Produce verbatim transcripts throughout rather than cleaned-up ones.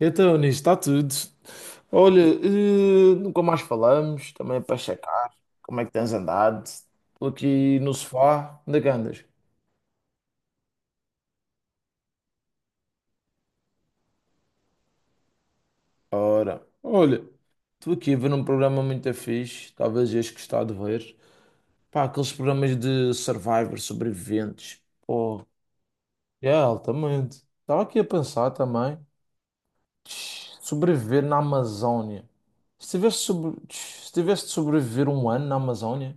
Então, nisso está tudo. Olha, eh, nunca mais falamos, também é para checar como é que tens andado. Estou aqui no sofá, onde é que andas? Ora, olha, estou aqui a ver um programa muito fixe, talvez este que está a ver. Pá, aqueles programas de Survivor, sobreviventes. Pô, é, altamente. Estava aqui a pensar também. Tch, Sobreviver na Amazónia. Se tivesse, sobre... tch, Se tivesse de sobreviver um ano na Amazónia,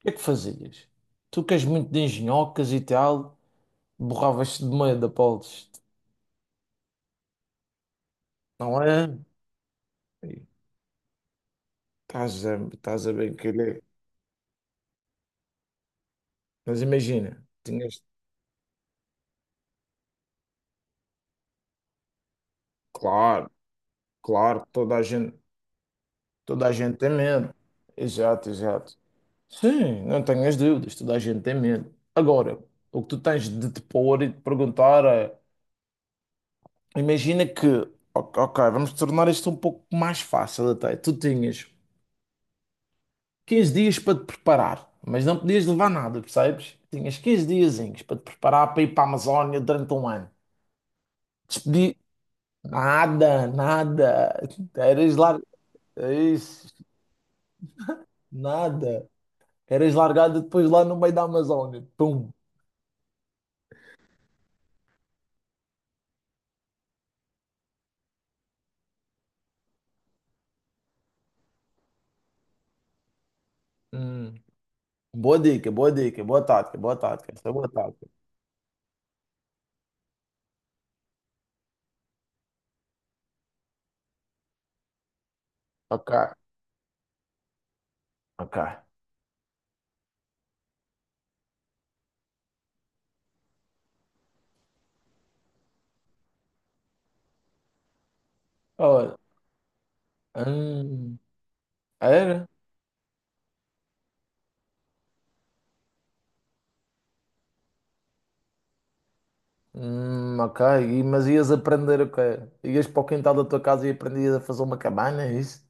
o que é que fazias? Tu que és muito de engenhocas e tal, borravas-te de medo, Apolos, não é? E Estás a, estás a bem querer. Mas imagina, tinhas, claro, claro, toda a gente, toda a gente tem medo. Exato, exato. Sim, não tenhas dúvidas, toda a gente tem medo. Agora, o que tu tens de te pôr e de perguntar é: imagina que, ok, ok, vamos tornar isto um pouco mais fácil até. Tu tinhas quinze dias para te preparar, mas não podias levar nada, percebes? Tinhas quinze diazinhos para te preparar para ir para a Amazónia durante um ano. Despedi nada, nada. Eras lar... Isso, nada. Eras largado depois lá no meio da Amazónia. Pum. Hum. Boa dica, boa dica, boa tática, boa tática. Essa é boa tática. Ok, ok. Olha, hum, era? Hum, ok, E- mas ias aprender o quê? Ias para o quintal da tua casa e aprendias a fazer uma cabana, é isso?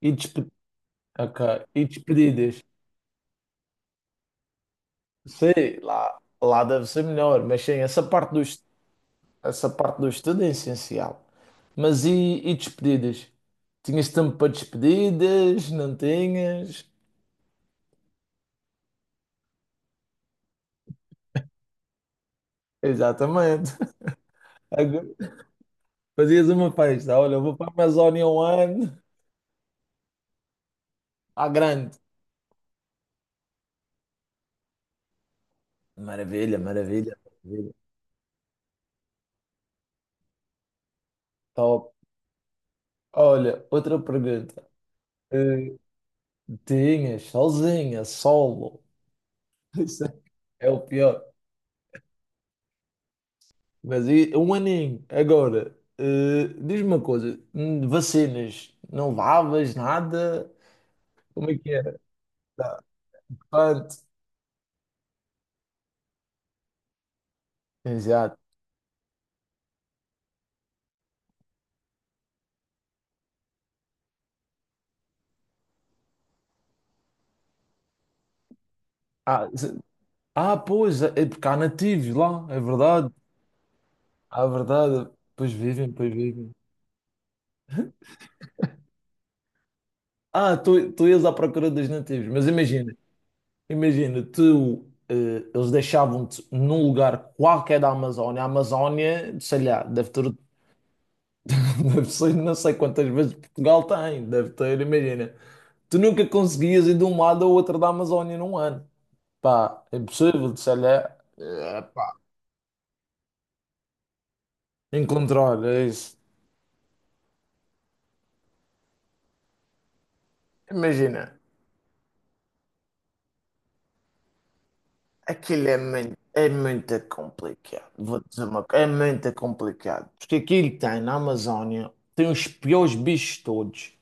E, despe- ok, e despedidas. Sei lá, lá, deve ser melhor, mas sim, essa parte do, est- essa parte do estudo é essencial. Mas e, e despedidas? Tinhas tempo para despedidas? Não tinhas? Exatamente. Agora, fazias uma festa. Olha, eu vou para a Amazónia um ano. À grande. Maravilha, maravilha, maravilha. Top. Olha, outra pergunta. Eh, Tinhas sozinha, solo. Isso é é o pior. Mas e- um aninho. Agora, eh, diz-me uma coisa: hum, vacinas, não levavas nada? Como é que era? Tá, pronto. Exato. Ah, se- ah, pois, é porque há nativos lá, é verdade. Ah, é verdade. Pois vivem, pois vivem. Ah, tu, tu ias à procura dos nativos. Mas imagina, imagina, tu, eh, eles deixavam-te num lugar qualquer da Amazónia. A Amazónia, sei lá, deve ter, deve ser, não sei quantas vezes Portugal tem, deve ter, imagina. Tu nunca conseguias ir de um lado ao outro da Amazónia num ano. Pá, é impossível, sei lá, eh, pá, encontrar, é isso. Imagina, aquilo é muito, é muito complicado. Vou dizer uma coisa, é muito complicado. Porque aquilo que tem na Amazónia, tem os piores bichos todos.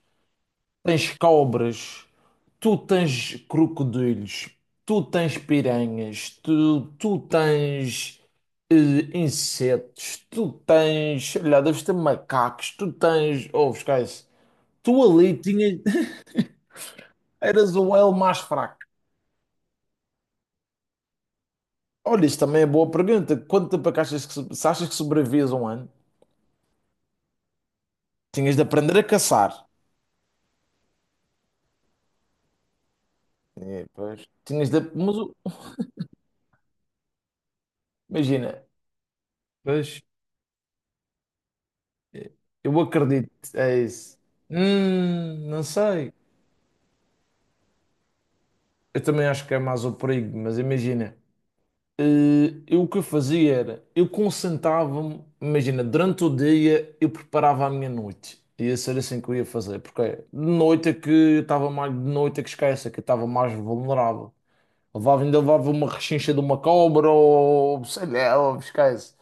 Tens cobras, tu tens crocodilos, tu tens piranhas, tu, tu tens eh, insetos, tu tens, sei lá, deves ter macacos, tu tens, oh, esquece, tu ali tinhas, eras o elo mais fraco. Olha, isso também é boa pergunta. Quanto tempo é que achas que, so- se achas que sobrevives um ano? Tinhas de aprender a caçar. É, pois. Tinhas de, mas o- imagina, pois, eu acredito, é isso. Hum, não sei. Eu também acho que é mais o perigo, mas imagina, eh, eu o que eu fazia era, eu concentrava-me, imagina, durante o dia eu preparava a minha noite. Ia ser assim que eu ia fazer, porque de noite é que eu estava mais, de noite é que esquece, é que eu estava mais vulnerável. Levava, ainda levava uma rechincha de uma cobra ou sei lá, ou esquece.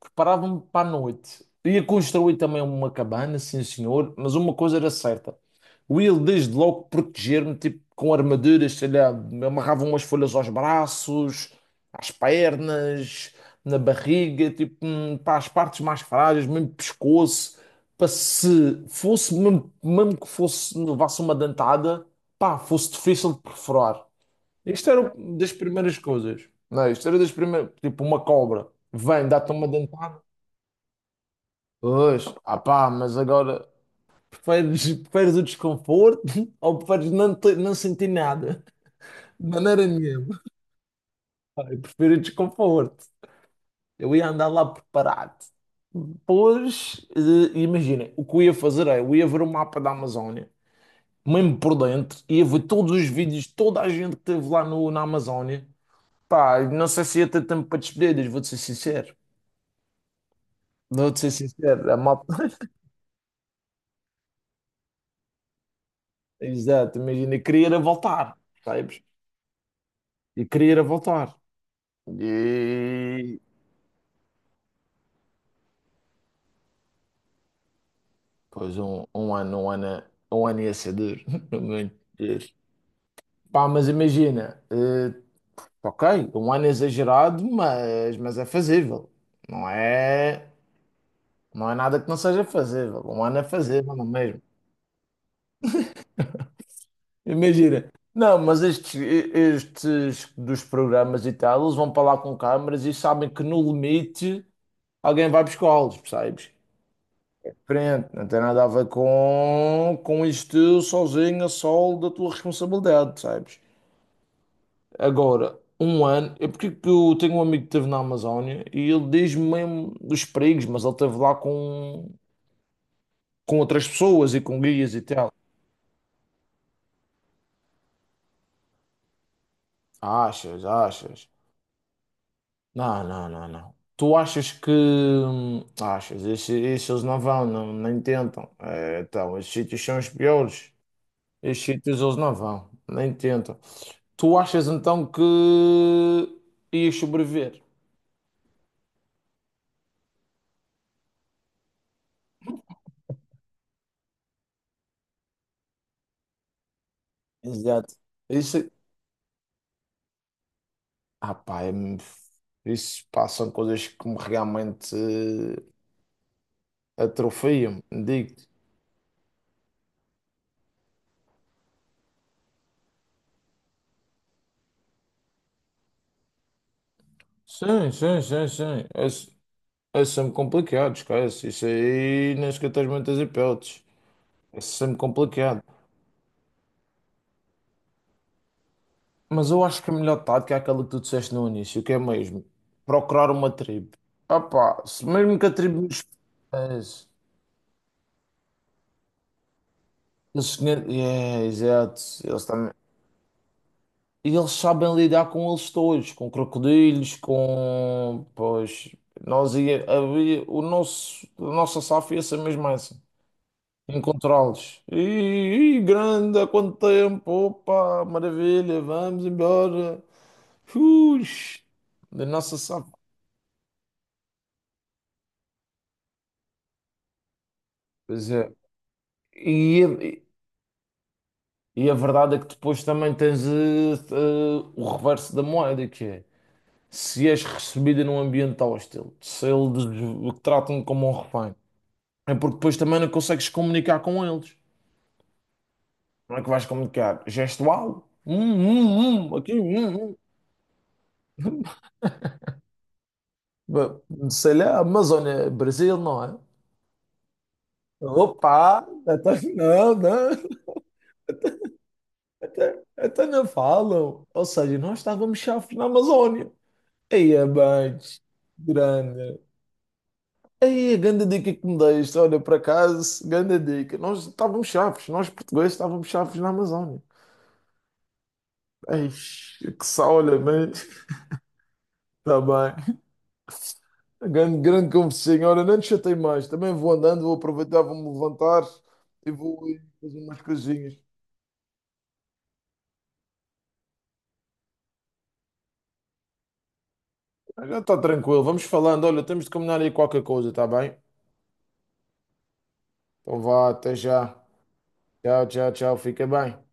Preparava-me para a noite. Ia construir também uma cabana, sim senhor, mas uma coisa era certa. O Will desde logo proteger-me, tipo, com armaduras, sei lá, me amarravam umas folhas aos braços, às pernas, na barriga, tipo, hum, para as partes mais frágeis, mesmo pescoço, para se fosse, mesmo, mesmo que fosse, levasse uma dentada, pá, fosse difícil de perfurar. Isto era das primeiras coisas. Não, é? Isto era das primeiras, tipo, uma cobra. Vem, dá-te uma dentada. Pois, ah pá, mas agora preferes, preferes o desconforto ou preferes não, te- não sentir nada? De maneira nenhuma. Ah, eu prefiro o desconforto. Eu ia andar lá preparado. Pois, eh, imagina, o que eu ia fazer é, eu ia ver o mapa da Amazónia, mesmo por dentro, ia ver todos os vídeos, toda a gente que esteve lá no, na Amazónia. Pá, não sei se ia ter tempo para despedidas, vou-te ser sincero. Vou-te ser sincero, a malta... Exato, imagina, eu queria era voltar, sabes? E queria ir a voltar. E pois um, um ano, um ano, um ano ia ser duro. Muito duro. Pá, mas imagina, eh, ok, um ano é exagerado, mas, mas é fazível. Não é, não é nada que não seja fazível. Um ano é fazível, não é mesmo? Imagina. Não, mas estes, estes dos programas e tal, eles vão para lá com câmaras e sabem que no limite alguém vai buscá-los, percebes? Diferente, não tem nada a ver com, com isto sozinho, a sol da tua responsabilidade, sabes? Agora, um ano, é porque é que eu tenho um amigo que esteve na Amazónia e ele diz mesmo dos perigos, mas ele esteve lá com, com outras pessoas e com guias e tal. Achas, achas? Não, não, não, não. Tu achas que. hum, Achas, esses isso eles não vão, não, nem tentam. É, então, esses sítios são os piores. Esses sítios eles não vão, nem tentam. Tu achas então que ias sobreviver? Exato. Isso, ah, pá, é- isso pá, são coisas que me realmente eh, atrofiam, digo-te. Sim, sim, sim, sim. Esse, esse é sempre complicado, esquece. Isso aí nem sequer tens muitas hipóteses. Esse é sempre complicado. Mas eu acho que a melhor tática é aquela que tu disseste no início, que é mesmo procurar uma tribo. Ah, pá, se mesmo que a tribo nos. É, isso. Eles, tinham- é, exato. Eles também. E eles sabem lidar com eles todos, com crocodilos, com. Pois, nós ia, havia, o nosso, a nossa S A F ia ser mesmo essa. Encontrá-los. E e grande, há quanto tempo? Opa, maravilha, vamos embora. Ux, da nossa S A F. Pois é. E, a e a verdade é que depois também tens eh, eh, o reverso da moeda, que é se és recebida num ambiente hostil, se eles o tratam como um refém. É porque depois também não consegues comunicar com eles. Não é que vais comunicar gestual? Hum, hum, hum, aqui, hum, hum. Ba- Sei lá, Amazônia, Brasil, não é? Opa, até não, não, até, até não falam. Ou seja, nós estávamos chaves na Amazônia. Aí é bem grande. Aí a grande dica que me deste, olha, por acaso, grande dica. Nós estávamos chaves, nós portugueses estávamos chaves na Amazônia. Ei, que só, olha, mas... Tá bem. Grande, grande conversinha. Ora, não te chatei mais. Também vou andando, vou aproveitar, vou-me levantar e vou aí fazer umas coisinhas. Já está tranquilo. Vamos falando. Olha, temos de combinar aí qualquer coisa, está bem? Então vá, até já. Tchau, tchau, tchau. Fica bem.